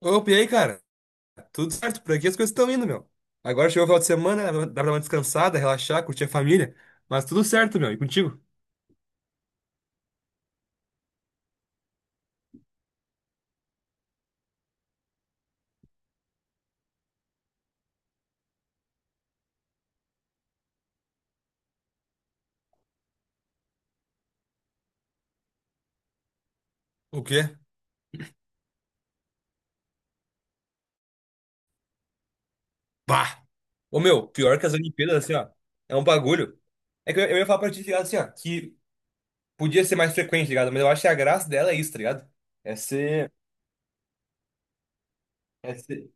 Opa, e aí, cara? Tudo certo, por aqui as coisas estão indo, meu. Agora chegou o final de semana, dá pra dar uma descansada, relaxar, curtir a família. Mas tudo certo, meu. E contigo? O quê? Bah! Ô, meu, pior que as Olimpíadas, assim, ó, é um bagulho. É que eu ia falar pra ti, tá ligado, assim, ó, que podia ser mais frequente, tá ligado? Mas eu acho que a graça dela é isso, tá ligado? É ser... É ser...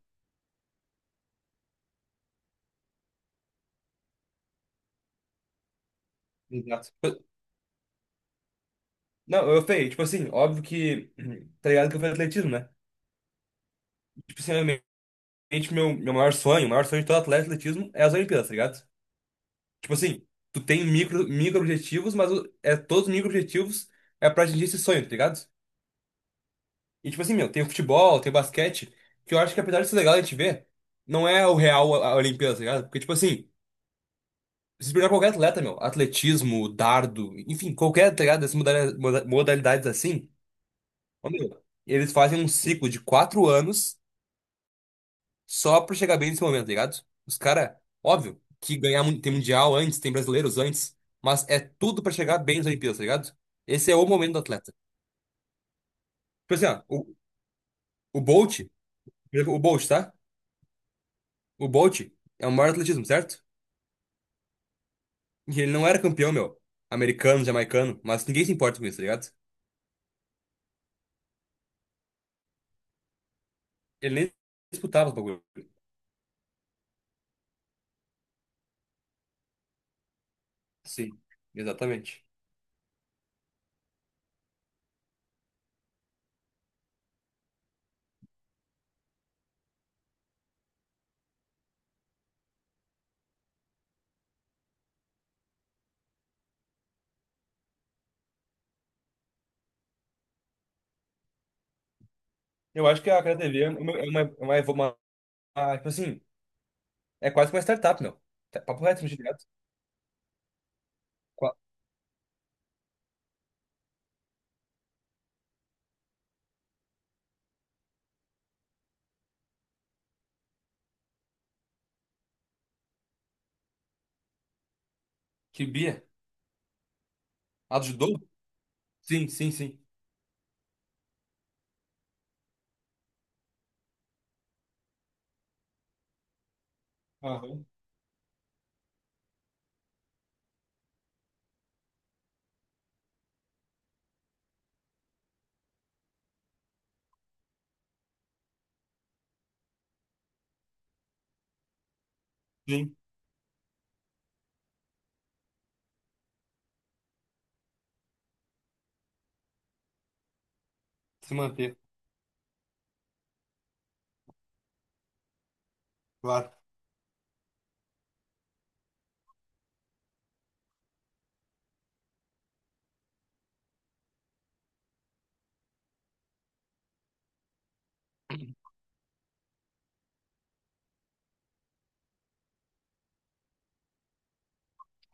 Exato. Tipo, não, eu falei, tipo assim, óbvio que... Tá ligado que eu falei atletismo, né? Tipo assim, realmente, meu maior sonho, o maior sonho de todo atleta de atletismo é as Olimpíadas, tá ligado? Tipo assim, tu tem micro objetivos, mas é todos os micro objetivos é pra atingir esse sonho, tá ligado? E tipo assim, meu, tem o futebol, tem o basquete, que eu acho que apesar de ser legal a gente ver, não é o real a Olimpíada, tá ligado? Porque tipo assim, se você pegar qualquer atleta, meu, atletismo, dardo, enfim, qualquer, tá ligado? Dessas modalidades, assim, ó, meu, eles fazem um ciclo de 4 anos só pra chegar bem nesse momento, tá ligado? Os caras, óbvio, que ganhar tem mundial antes, tem brasileiros antes, mas é tudo pra chegar bem nas Olimpíadas, tá ligado? Esse é o momento do atleta. Tipo assim, ó, o Bolt, por exemplo, o Bolt, tá? O Bolt é o maior atletismo, certo? E ele não era campeão, meu. Americano, jamaicano. Mas ninguém se importa com isso, tá ligado? Ele nem disputava os bagulho. Sim, exatamente. Eu acho que a Cara TV é uma tipo assim, é quase uma startup, meu. Papo reto, tá ligado? Qua- Que Bia? Ajudou? Sim, sim, sim. Aham. Sim, se manter, claro.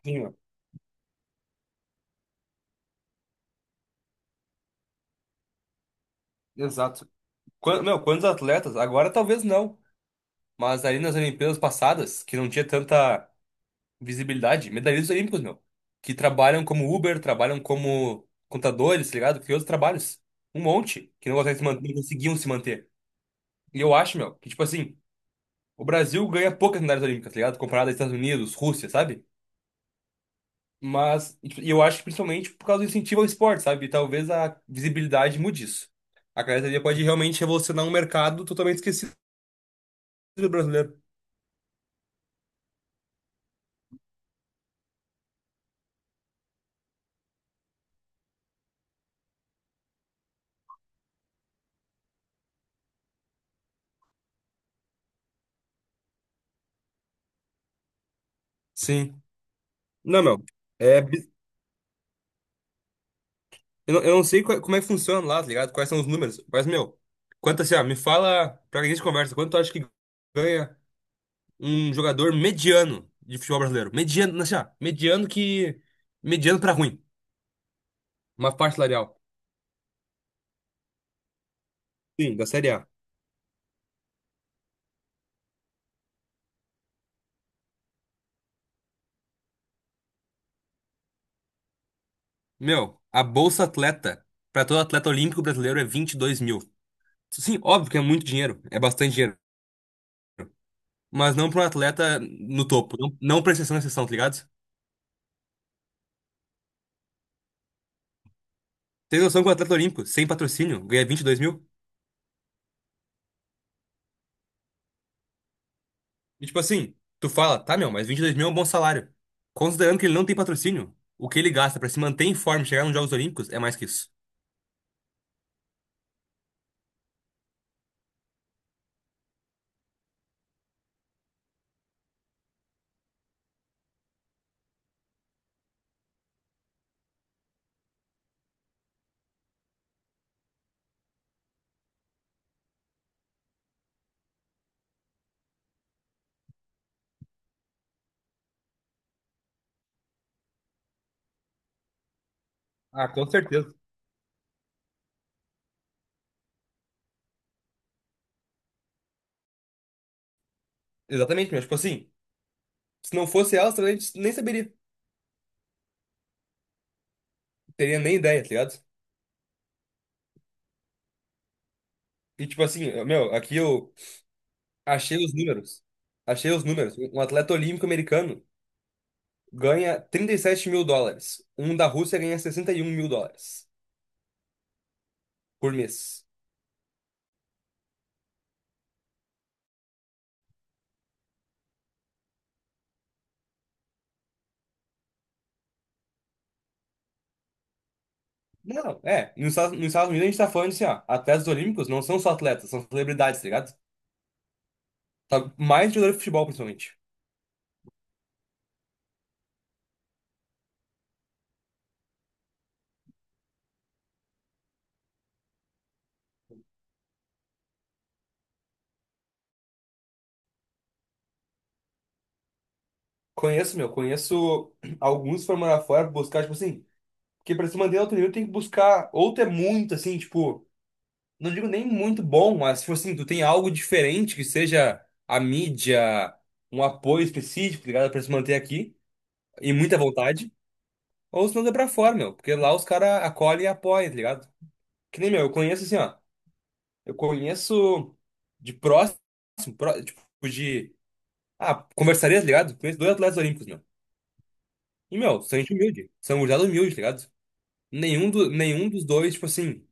Sim, meu. Exato. Meu, quantos atletas? Agora talvez não. Mas ali nas Olimpíadas passadas, que não tinha tanta visibilidade, medalhistas olímpicos, meu. Que trabalham como Uber, trabalham como contadores, tá ligado? Que outros trabalhos. Um monte que não conseguem se manter, não conseguiam se manter. E eu acho, meu, que tipo assim, o Brasil ganha poucas medalhas olímpicas, tá ligado? Comparado aos Estados Unidos, Rússia, sabe? Mas e tipo, e eu acho que principalmente por causa do incentivo ao esporte, sabe? E talvez a visibilidade mude isso. A academia pode realmente revolucionar um mercado totalmente esquecido do brasileiro. Sim. Não, meu. É eu não sei como é que funciona lá, tá ligado? Quais são os números. Mas, meu, quanto assim, ó, me fala, pra que a gente conversa, quanto tu acha que ganha um jogador mediano de futebol brasileiro? Mediano, assim, ó, mediano que. Mediano pra ruim. Uma parte salarial. Sim, da Série A. Meu, a bolsa atleta pra todo atleta olímpico brasileiro é 22 mil. Sim, óbvio que é muito dinheiro, é bastante dinheiro. Mas não pra um atleta no topo, não, não pra exceção na exceção, tá ligado? Tem noção que o atleta olímpico, sem patrocínio, ganha 22 mil? E tipo assim, tu fala, tá, meu, mas 22 mil é um bom salário. Considerando que ele não tem patrocínio, o que ele gasta pra se manter em forma e chegar nos Jogos Olímpicos é mais que isso. Ah, com certeza. Exatamente, mas tipo assim, se não fosse elas, talvez a gente nem saberia. Teria nem ideia, tá ligado? E tipo assim, meu, aqui eu achei os números. Achei os números. Um atleta olímpico americano ganha 37 mil dólares. Um da Rússia ganha 61 mil dólares por mês. Não, é. Nos Estados Unidos a gente tá falando, assim, ó, atletas olímpicos não são só atletas, são celebridades, tá ligado? Sabe? Mais jogador de futebol, principalmente. Conheço, meu, conheço alguns que foram morar fora buscar, tipo assim, porque pra se manter em alto nível tem que buscar, ou tu é muito, assim, tipo, não digo nem muito bom, mas, tipo assim, tu tem algo diferente que seja a mídia, um apoio específico, tá ligado? Pra se manter aqui, e muita vontade, ou se não dá pra fora, meu, porque lá os caras acolhem e apoiam, tá ligado? Que nem, meu, eu conheço assim, ó, eu conheço de próximo, tipo, de, conversaria, tá ligado? Conheço dois atletas olímpicos, meu. E, meu, são gente humilde. São gurizada humilde, tá ligado? Nenhum dos dois, tipo assim,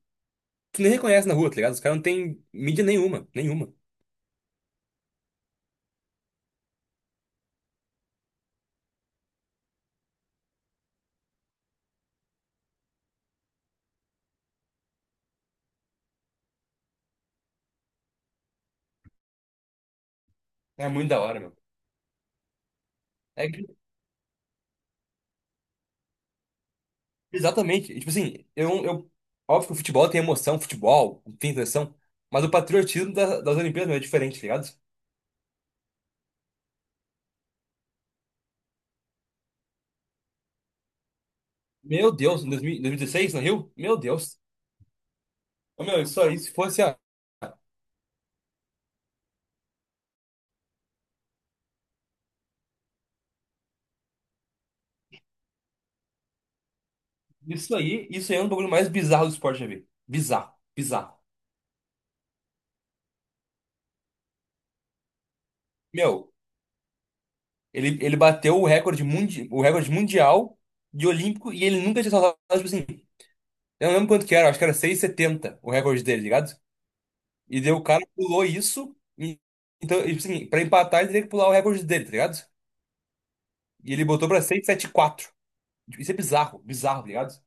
tu nem reconhece na rua, tá ligado? Os caras não têm mídia nenhuma, nenhuma. É muito da hora, meu. É, exatamente. E, tipo assim, eu. Óbvio que o futebol tem emoção, futebol tem tensão, mas o patriotismo das Olimpíadas, meu, é diferente, tá ligado? Meu Deus, em dois mil e 2016, no Rio? Meu Deus. Ô, meu, isso aí, se fosse, ó, isso aí é um bagulho mais bizarro do esporte, já vi. Bizarro, bizarro. Meu, ele bateu o recorde mundial de olímpico, e ele nunca tinha saltado, tipo assim, eu não lembro quanto que era, acho que era 6,70 o recorde dele, tá ligado? E daí o cara pulou isso, então, tipo assim, pra empatar ele teria que pular o recorde dele, tá ligado? E ele botou pra 6,74. Tipo, isso é bizarro, bizarro, tá ligado?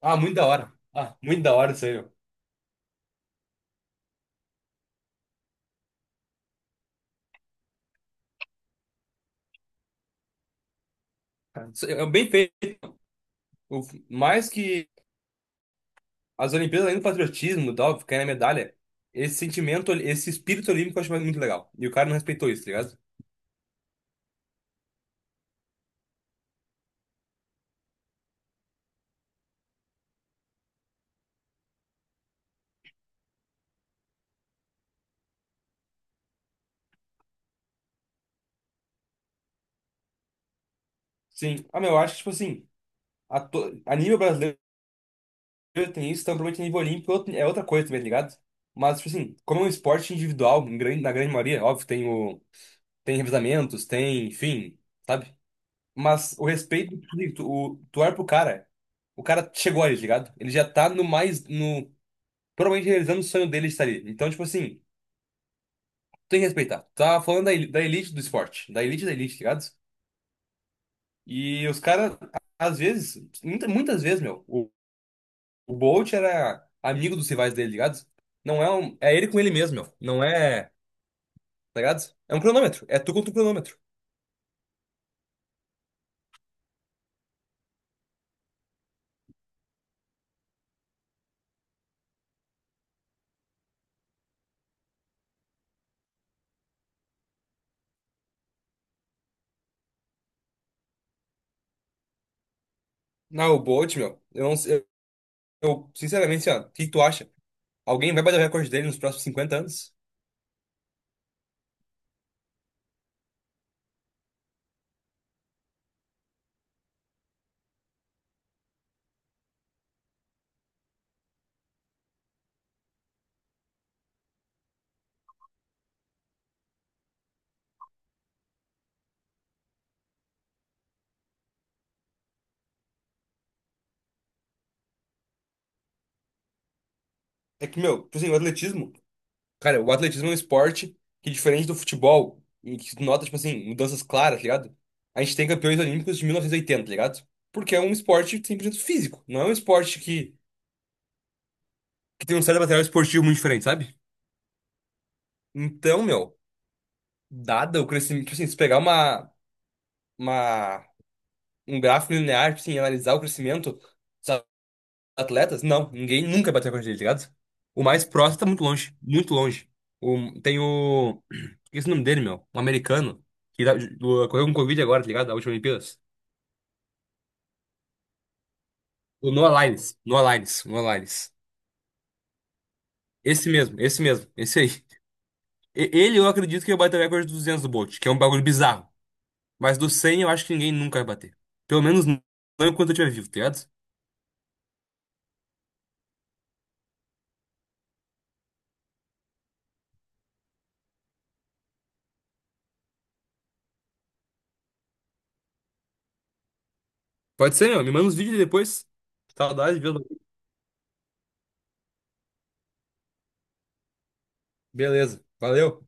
Ah, muito da hora. Ah, muito da hora isso aí, meu. Isso é bem feito. O- Mais que as Olimpíadas, além do patriotismo, e tal, ficar na medalha, esse sentimento, esse espírito olímpico eu acho muito legal. E o cara não respeitou isso, tá ligado? Sim. Ah, meu, eu acho que, tipo assim, a nível brasileiro tem isso, então provavelmente a nível olímpico é outra coisa também, tá ligado? Mas, tipo assim, como é um esporte individual, na grande maioria, óbvio, tem revezamentos, tem, enfim, sabe? Mas o respeito, tu olha pro cara, o cara chegou ali, tá ligado? Ele já tá no mais, no, provavelmente realizando o sonho dele de estar ali. Então, tipo assim, tu tem que respeitar. Tu tá falando da elite do esporte, da elite, tá ligado? E os caras, às vezes, muitas vezes, meu. O Bolt era amigo dos rivais dele, ligado? Não é um. É ele com ele mesmo, meu. Não é. Tá ligado? É um cronômetro. É tu contra um cronômetro. Não, o Bolt, meu. Eu não sei. Eu, sinceramente, assim, ó, o que que tu acha? Alguém vai bater o recorde dele nos próximos 50 anos? É que, meu, tipo assim, o atletismo. Cara, o atletismo é um esporte que, diferente do futebol, em que tu nota, tipo assim, mudanças claras, tá ligado? A gente tem campeões olímpicos de 1980, ligado? Porque é um esporte 100% físico. Não é um esporte que tem um certo material esportivo muito diferente, sabe? Então, meu. Dada o crescimento, tipo assim, se pegar uma, um gráfico linear, tipo assim, e analisar o crescimento dos atletas, não, ninguém nunca bateu a recorde dele, tá ligado? O mais próximo tá muito longe, muito longe. O, tem o. Esqueci o nome dele, meu. Um americano, que correu com Covid agora, tá ligado? Da última Olimpíadas. O Noah Lyles. Noah Lyles. Noah Lyles. Esse mesmo, esse mesmo, esse aí. Ele, eu acredito que vai bater o recorde dos 200 do Bolt, que é um bagulho bizarro. Mas do 100 eu acho que ninguém nunca vai bater. Pelo menos não enquanto eu estiver vivo, tá ligado? Pode ser, meu. Me manda uns vídeos depois. Saudade, viu? Beleza. Valeu.